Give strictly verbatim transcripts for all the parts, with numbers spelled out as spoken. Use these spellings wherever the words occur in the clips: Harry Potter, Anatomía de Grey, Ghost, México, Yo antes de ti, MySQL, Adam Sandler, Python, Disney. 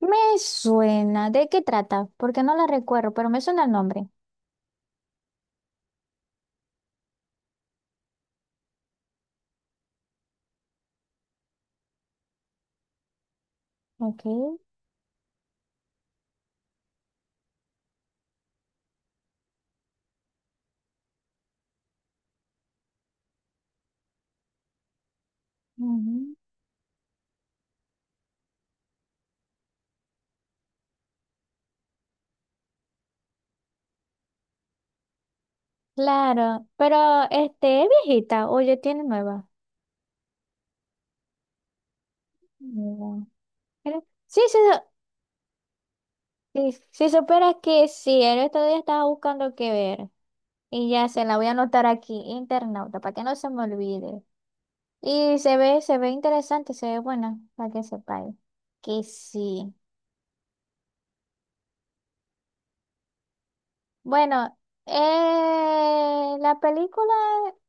Me suena. ¿De qué trata? Porque no la recuerdo, pero me suena el nombre. Ok. Ujú. Claro, pero este es viejita oye, tiene nueva. No. Creo- Sí, sí, sí, sí, si supieras que sí, el otro día estaba buscando qué ver y ya se la voy a anotar aquí, internauta, para que no se me olvide. Y se ve, se ve interesante, se ve buena, para que sepáis que sí. Bueno, eh, las películas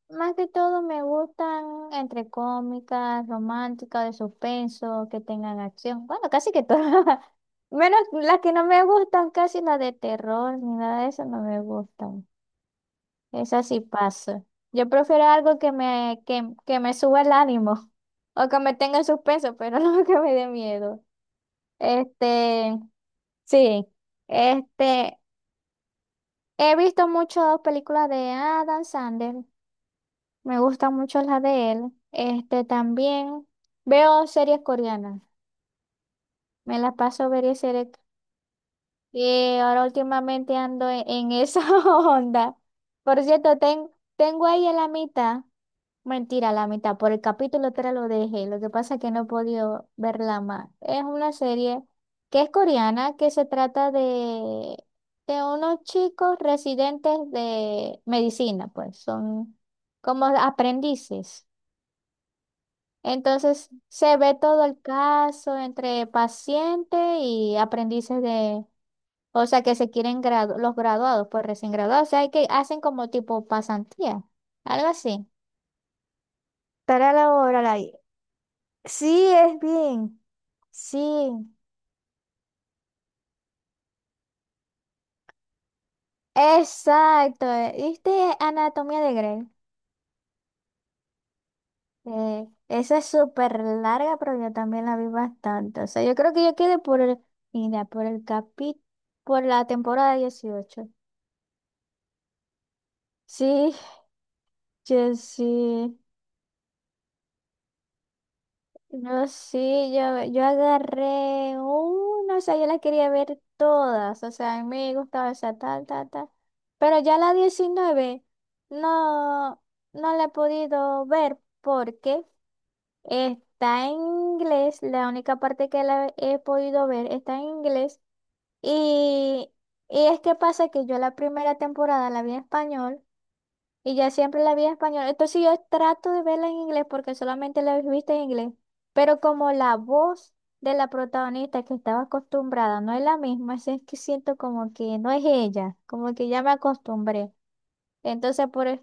más que todo me gustan entre cómicas, románticas, de suspenso, que tengan acción. Bueno, casi que todas. Menos las que no me gustan, casi las de terror, ni nada de eso no me gustan. Esas sí paso. Yo prefiero algo que me, que, que me suba el ánimo o que me tenga en suspenso, pero no que me dé miedo. Este, sí. Este, He visto muchas películas de Adam Sandler, me gustan mucho las de él. Este también veo series coreanas, me las paso ver series y ahora últimamente ando en, en esa onda. Por cierto, ten- tengo ahí en la mitad. Mentira, la mitad. Por el capítulo tres lo dejé. Lo que pasa es que no he podido verla más. Es una serie que es coreana, que se trata de, de unos chicos residentes de medicina, pues son como aprendices. Entonces se ve todo el caso entre pacientes y aprendices de, o sea, que se quieren gradu- los graduados, pues recién graduados. O sea, hay que hacen como tipo pasantía, algo así. Estará la hora. Sí, es bien. Sí, exacto. eh, ¿Viste Anatomía de Grey? Eh, esa es súper larga, pero yo también la vi bastante. O sea, yo creo que yo quedé por el, mira, por el capi, por la temporada dieciocho. Sí, yo sí. No, sí, yo, yo agarré una, o sea, yo la quería ver todas, o sea, a mí me gustaba esa tal, tal, tal, pero ya la diecinueve no, no la he podido ver porque está en inglés, la única parte que la he podido ver está en inglés y, y es que pasa que yo la primera temporada la vi en español y ya siempre la vi en español. Entonces yo trato de verla en inglés porque solamente la he visto en inglés. Pero como la voz de la protagonista que estaba acostumbrada no es la misma, así es que siento como que no es ella, como que ya me acostumbré. Entonces por eso,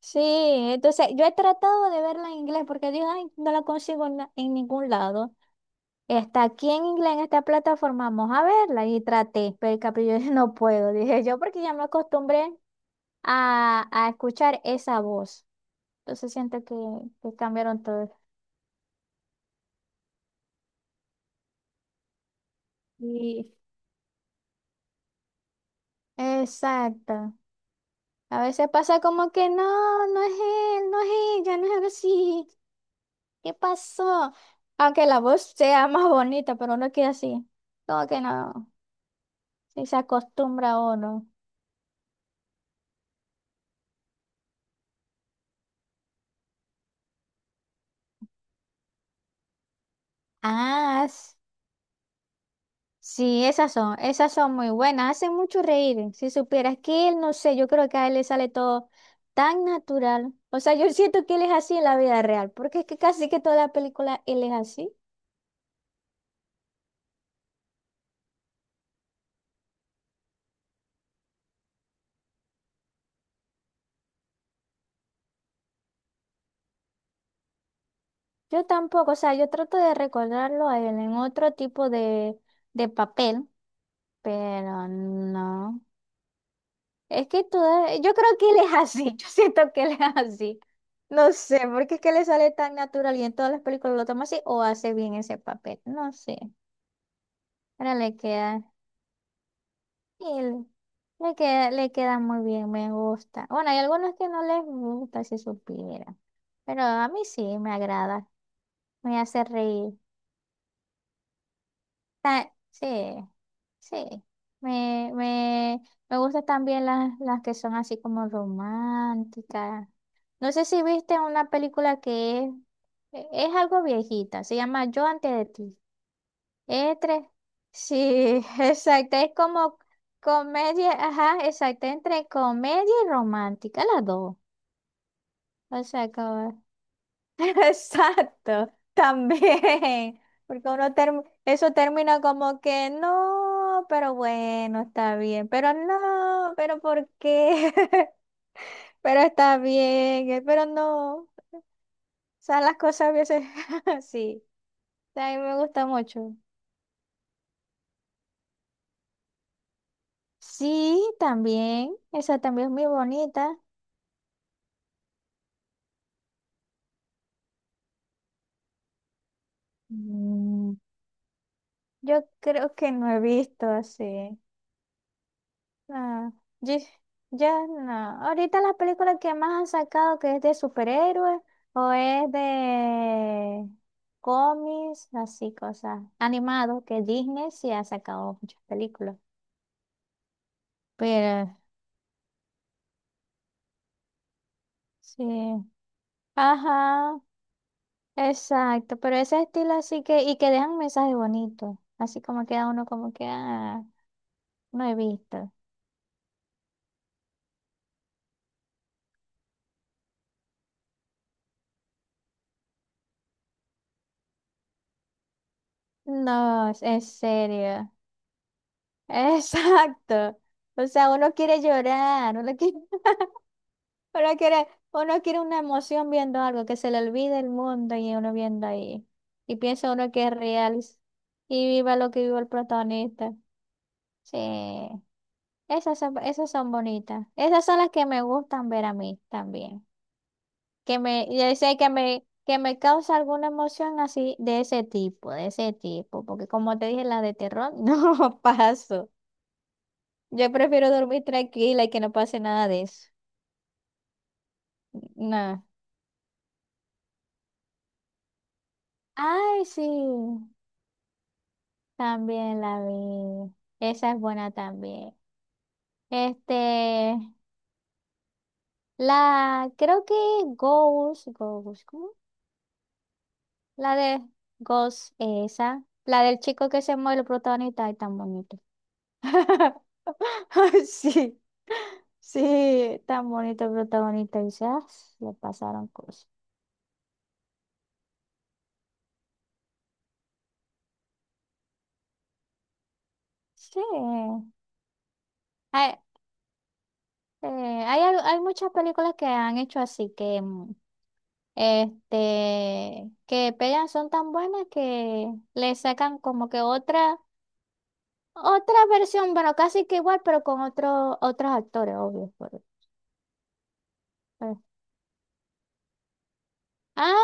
sí, entonces yo he tratado de verla en inglés porque digo, ay, no la consigo en, na- en ningún lado. Está aquí en inglés, en esta plataforma, vamos a verla. Y traté, pero el capillo no puedo, dije yo, porque ya me acostumbré a, a escuchar esa voz. Entonces siento que, que cambiaron todo. Y, exacto. A veces pasa como que no, no es él, no es ella, no es así. ¿Qué pasó? Aunque la voz sea más bonita, pero uno queda así. Como que no, si se acostumbra a uno. Ah, s- sí, esas son, esas son muy buenas, hacen mucho reír. Si supieras que él, no sé, yo creo que a él le sale todo tan natural. O sea, yo siento que él es así en la vida real, porque es que casi que toda la película él es así. Yo tampoco, o sea, yo trato de recordarlo a él en otro tipo de, de papel, pero no. Es que toda, yo creo que él es así, yo siento que él es así. No sé, porque es que le sale tan natural y en todas las películas lo toma así o hace bien ese papel, no sé. Ahora le queda, sí, le le queda, le queda muy bien, me gusta. Bueno, hay algunos que no les gusta si supiera, pero a mí sí me agrada, me hace reír. Sí, sí. Me, me, me gustan también las, las que son así como románticas. No sé si viste una película que es, e, es algo viejita, se llama Yo antes de ti. Es tres. Sí, exacto. Es como comedia, ajá, exacto, entre comedia y romántica, las dos. O sea, como- exacto, también, porque uno term- eso termina como que no, pero bueno, está bien, pero no, pero ¿por qué? Pero está bien, eh, pero no, o sea, las cosas a veces así, a mí me gusta mucho. Sí, también, esa también es muy bonita. Mm, Yo creo que no he visto así. Ah, ye- ya no. Ahorita las películas que más han sacado que es de superhéroes o es de cómics, así cosas animados, que Disney sí ha sacado muchas películas. Pero sí. Ajá, exacto. Pero ese estilo así que, y que dejan mensajes bonitos. Así como queda uno como que, ah, no he visto. No, es en serio. Exacto. O sea, uno quiere llorar, uno quiere. Uno quiere, uno quiere una emoción viendo algo, que se le olvide el mundo y uno viendo ahí. Y piensa uno que es real y viva lo que viva el protagonista. Sí, esas son, esas son bonitas. Esas son las que me gustan ver a mí también. Que me, ya sé que me, que me causa alguna emoción así de ese tipo, de ese tipo. Porque como te dije, las de terror no paso. Yo prefiero dormir tranquila y que no pase nada de eso. No. Ay, sí. También la vi. Esa es buena también. Este, la, creo que Ghost, Ghost, ¿cómo? La de Ghost, esa. La del chico que se muere, el protagonista, es tan bonito. Sí, sí, tan bonito el protagonista. Y dice, "Ah, le pasaron cosas. Sí. Hay, eh, hay, al- hay muchas películas que han hecho así que mm, este, que pegan son tan buenas que le sacan como que otra, otra versión, bueno, casi que igual, pero con otro, otros actores, obvio. por- por- Ah,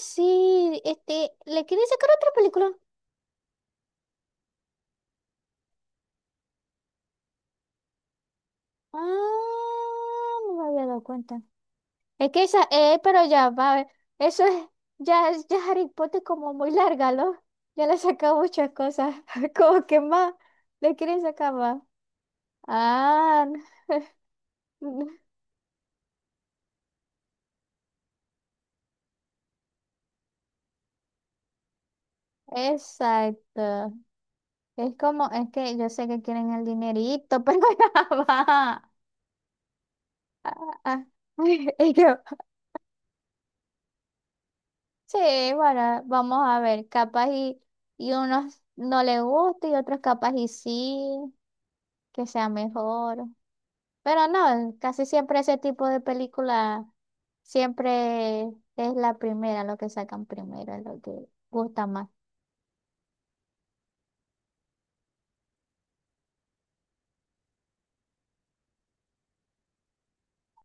sí, este, le quieren sacar otra película. Ah, no me había dado cuenta. Es que esa, eh, pero ya, va a ver, eso es, ya, es- ya Harry Potter como muy larga, ¿no? Ya le saca muchas cosas, como que más, le quieren sacar más. Ah. Exacto. Es como, es que yo sé que quieren el dinerito, pero ya va. Ah, ah. Y yo, sí, bueno, vamos a ver, capaz y, y unos no le gusta y otros capaz y sí, que sea mejor. Pero no, casi siempre ese tipo de película siempre es la primera, lo que sacan primero, lo que gusta más.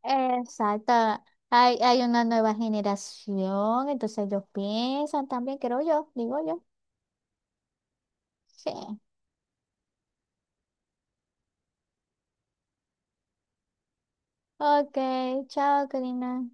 Exacto. Hay, hay una nueva generación, entonces ellos piensan también, creo yo, digo yo. Sí. Ok, chao, Karina.